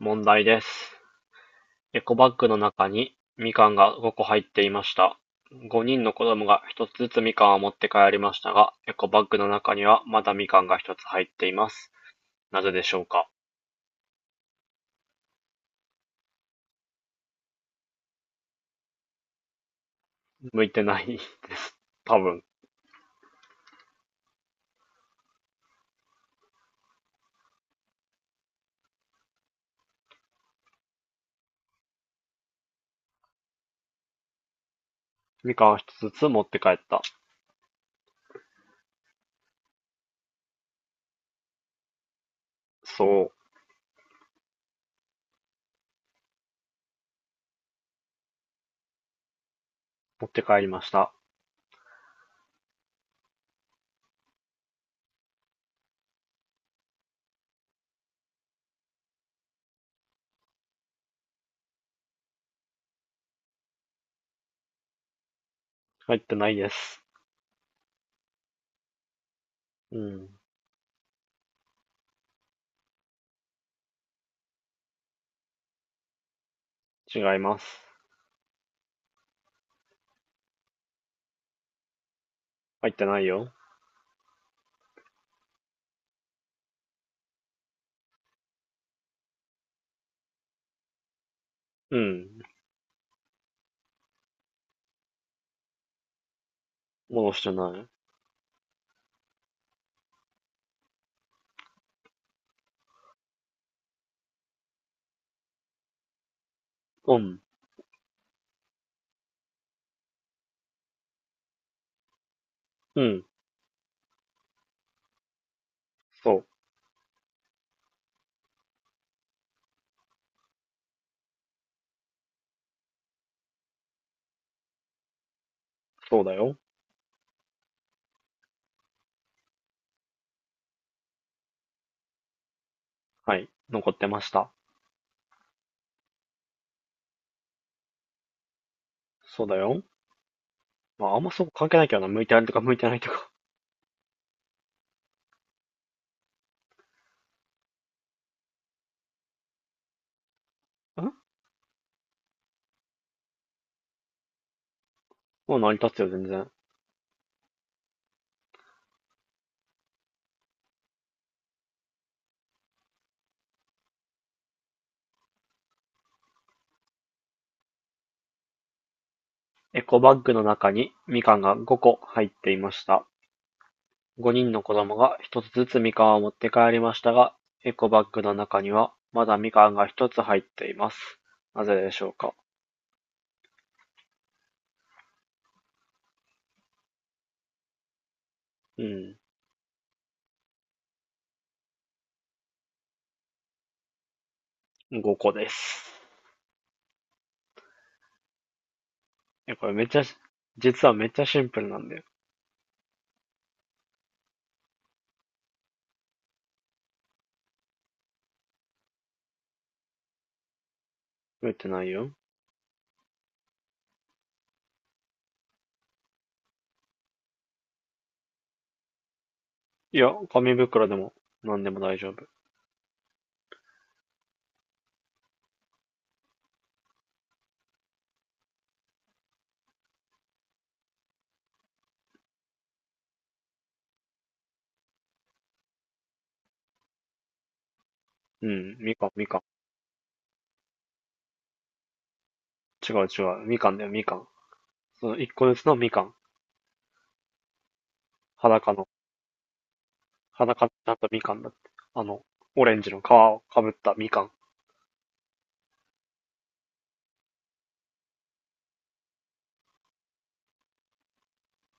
問題です。エコバッグの中に、みかんが5個入っていました。5人の子供が1つずつみかんを持って帰りましたが、エコバッグの中にはまだみかんが1つ入っています。なぜでしょうか。向いてない。多分。みかんを一つずつ持って帰った。そう。持って帰りました。入ってないです。うん。違います。入ってないよ。うん。戻してない。うん。うん。そう。そうだよ。はい。残ってました。そうだよ。まあ、あんまそこ関係ないけどな。向いてあるとか向いてないとか。んもう成り立つよ、全然。エコバッグの中にみかんが5個入っていました。5人の子供が1つずつみかんを持って帰りましたが、エコバッグの中にはまだみかんが1つ入っています。なぜでしょうか。うん。5個です。え、これめっちゃ実はめっちゃシンプルなんだよ。増えてないよ。いや、紙袋でも何でも大丈夫。うん。みかん、みかん。違う違う。みかんだよ、みかん。その1個ずつのみかん。裸の裸になったみかんだって。あの、オレンジの皮をかぶったみかん。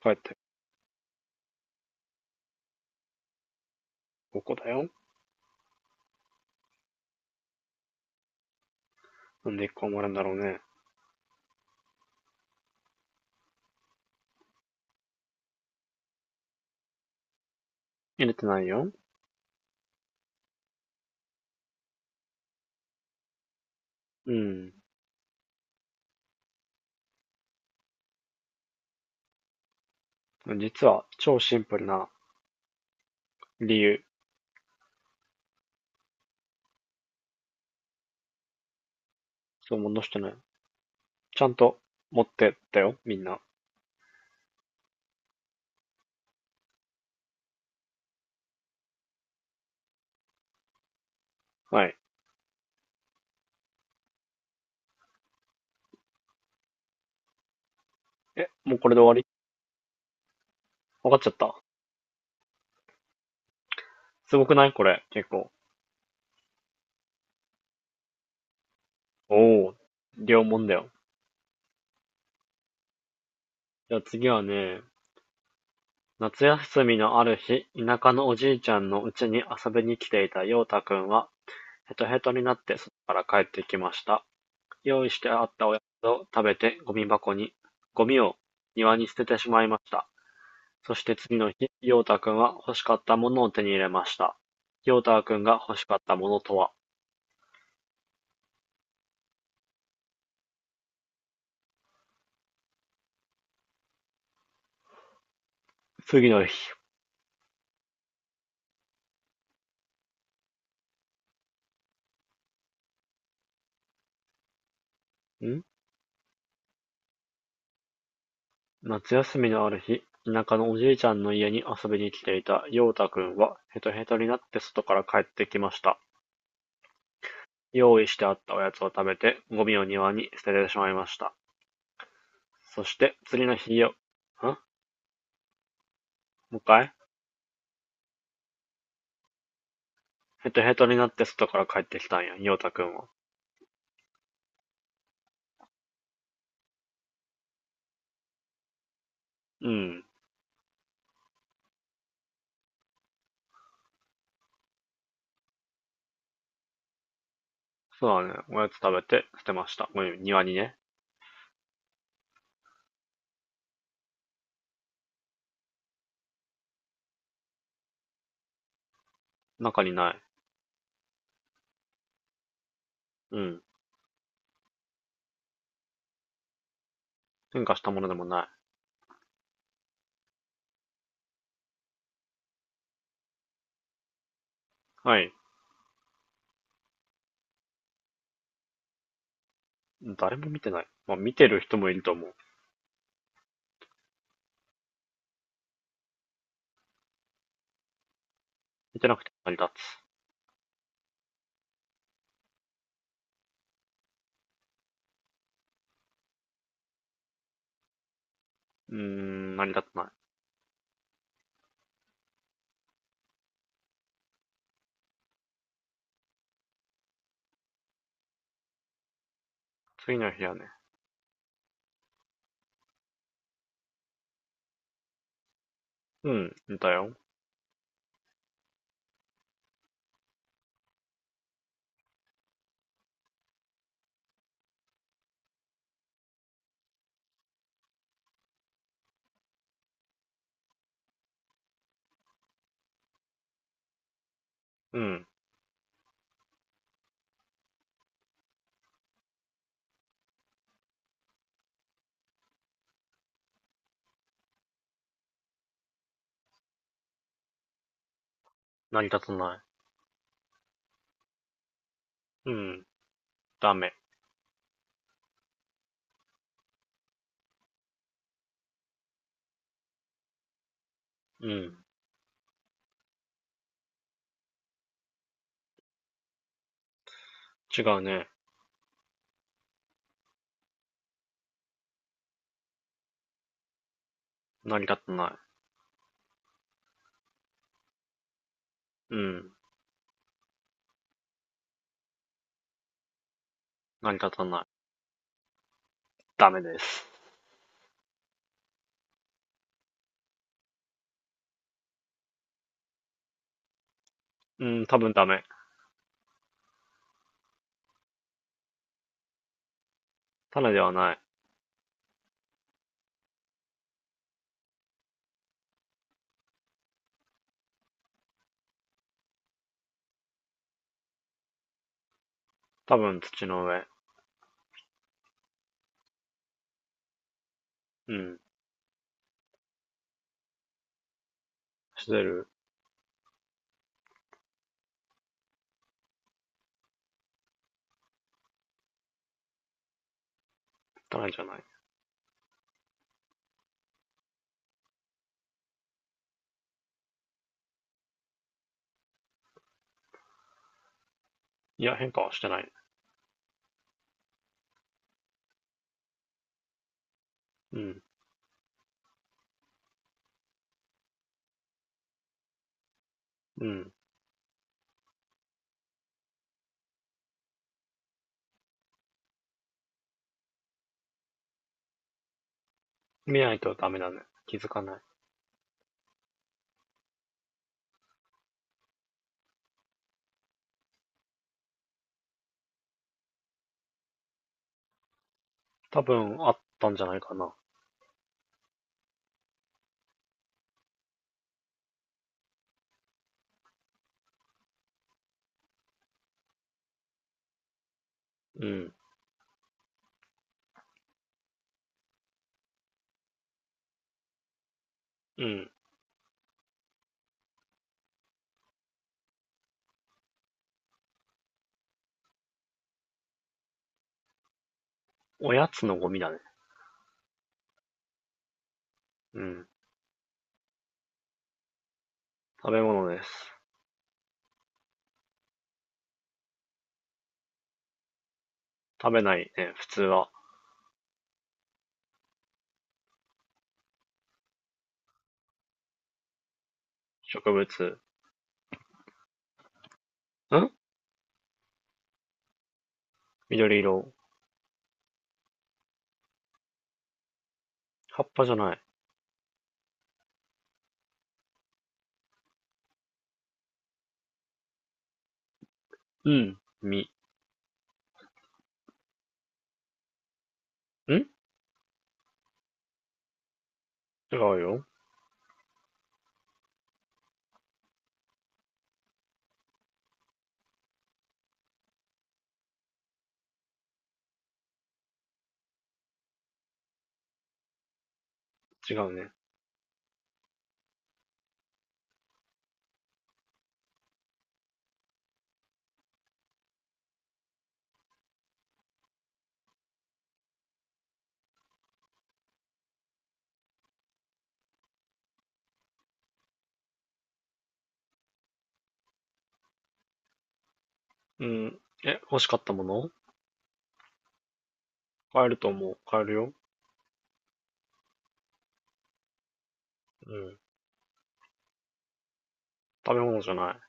帰って、ここだよ。なんで一個埋まるんだろうね。入れてないよ。うん。実は、超シンプルな理由。そう、戻してない。ちゃんと持ってったよ、みんな。はい。え、もうこれで終わり。わかっちゃった。すごくないこれ、結構。おお、両んだよ。じゃあ次はね、夏休みのある日、田舎のおじいちゃんの家に遊びに来ていた陽太くんは、ヘトヘトになってそこから帰ってきました。用意してあったおやつを食べて、ゴミ箱に、ゴミを庭に捨ててしまいました。そして次の日、ヨータんは欲しかったものを手に入れました。ヨータんが欲しかったものとは、次の日、ん夏休みのある日、田舎のおじいちゃんの家に遊びに来ていたヨータくんはヘトヘトになって外から帰ってきました。用意してあったおやつを食べてゴミを庭に捨ててしまいました。そして次の日よ、もう一回ヘトヘトになって外から帰ってきたんや、ヨータくんは。うん。そうだね。おやつ食べて捨てました。ごめん、庭にね。中にない。うん。変化したものでもない。はい。誰も見てない。まあ、見てる人もいると思う。見てなくて成り立つ。うーん、成り立たない。次の日はね。うん、いたよ。うん。成り立たない。うん。ダメ。うん。違うね。成り立たない。うん。成り立たない。ダメです。うん、多分ダメ。種ではない。多分土の上。うん。してる。種じゃない。いや、変化はしてない。うん。うん。見ないとダメだね。気づかない。多分あったんじゃないかな。うん。うん。おやつのゴミだね。うん。食べ物です。食べないね、普通は。植物。ん緑色。葉っぱじゃない。うん。実。違うよ。違うね。うん。え、欲しかったもの買えると思う。買えるよ。うん。食べ物じゃない。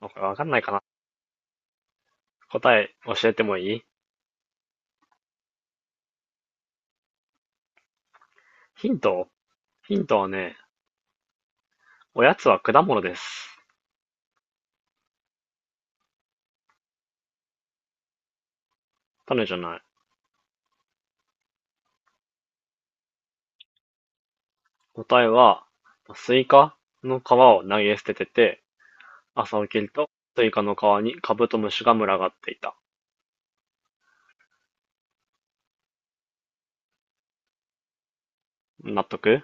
わかんないかな。答え教えてもいい。ヒントヒントはね、おやつは果物です。種じゃない。答えは、スイカの皮を投げ捨ててて、朝起きると、スイカの皮にカブトムシが群がっていた。納得？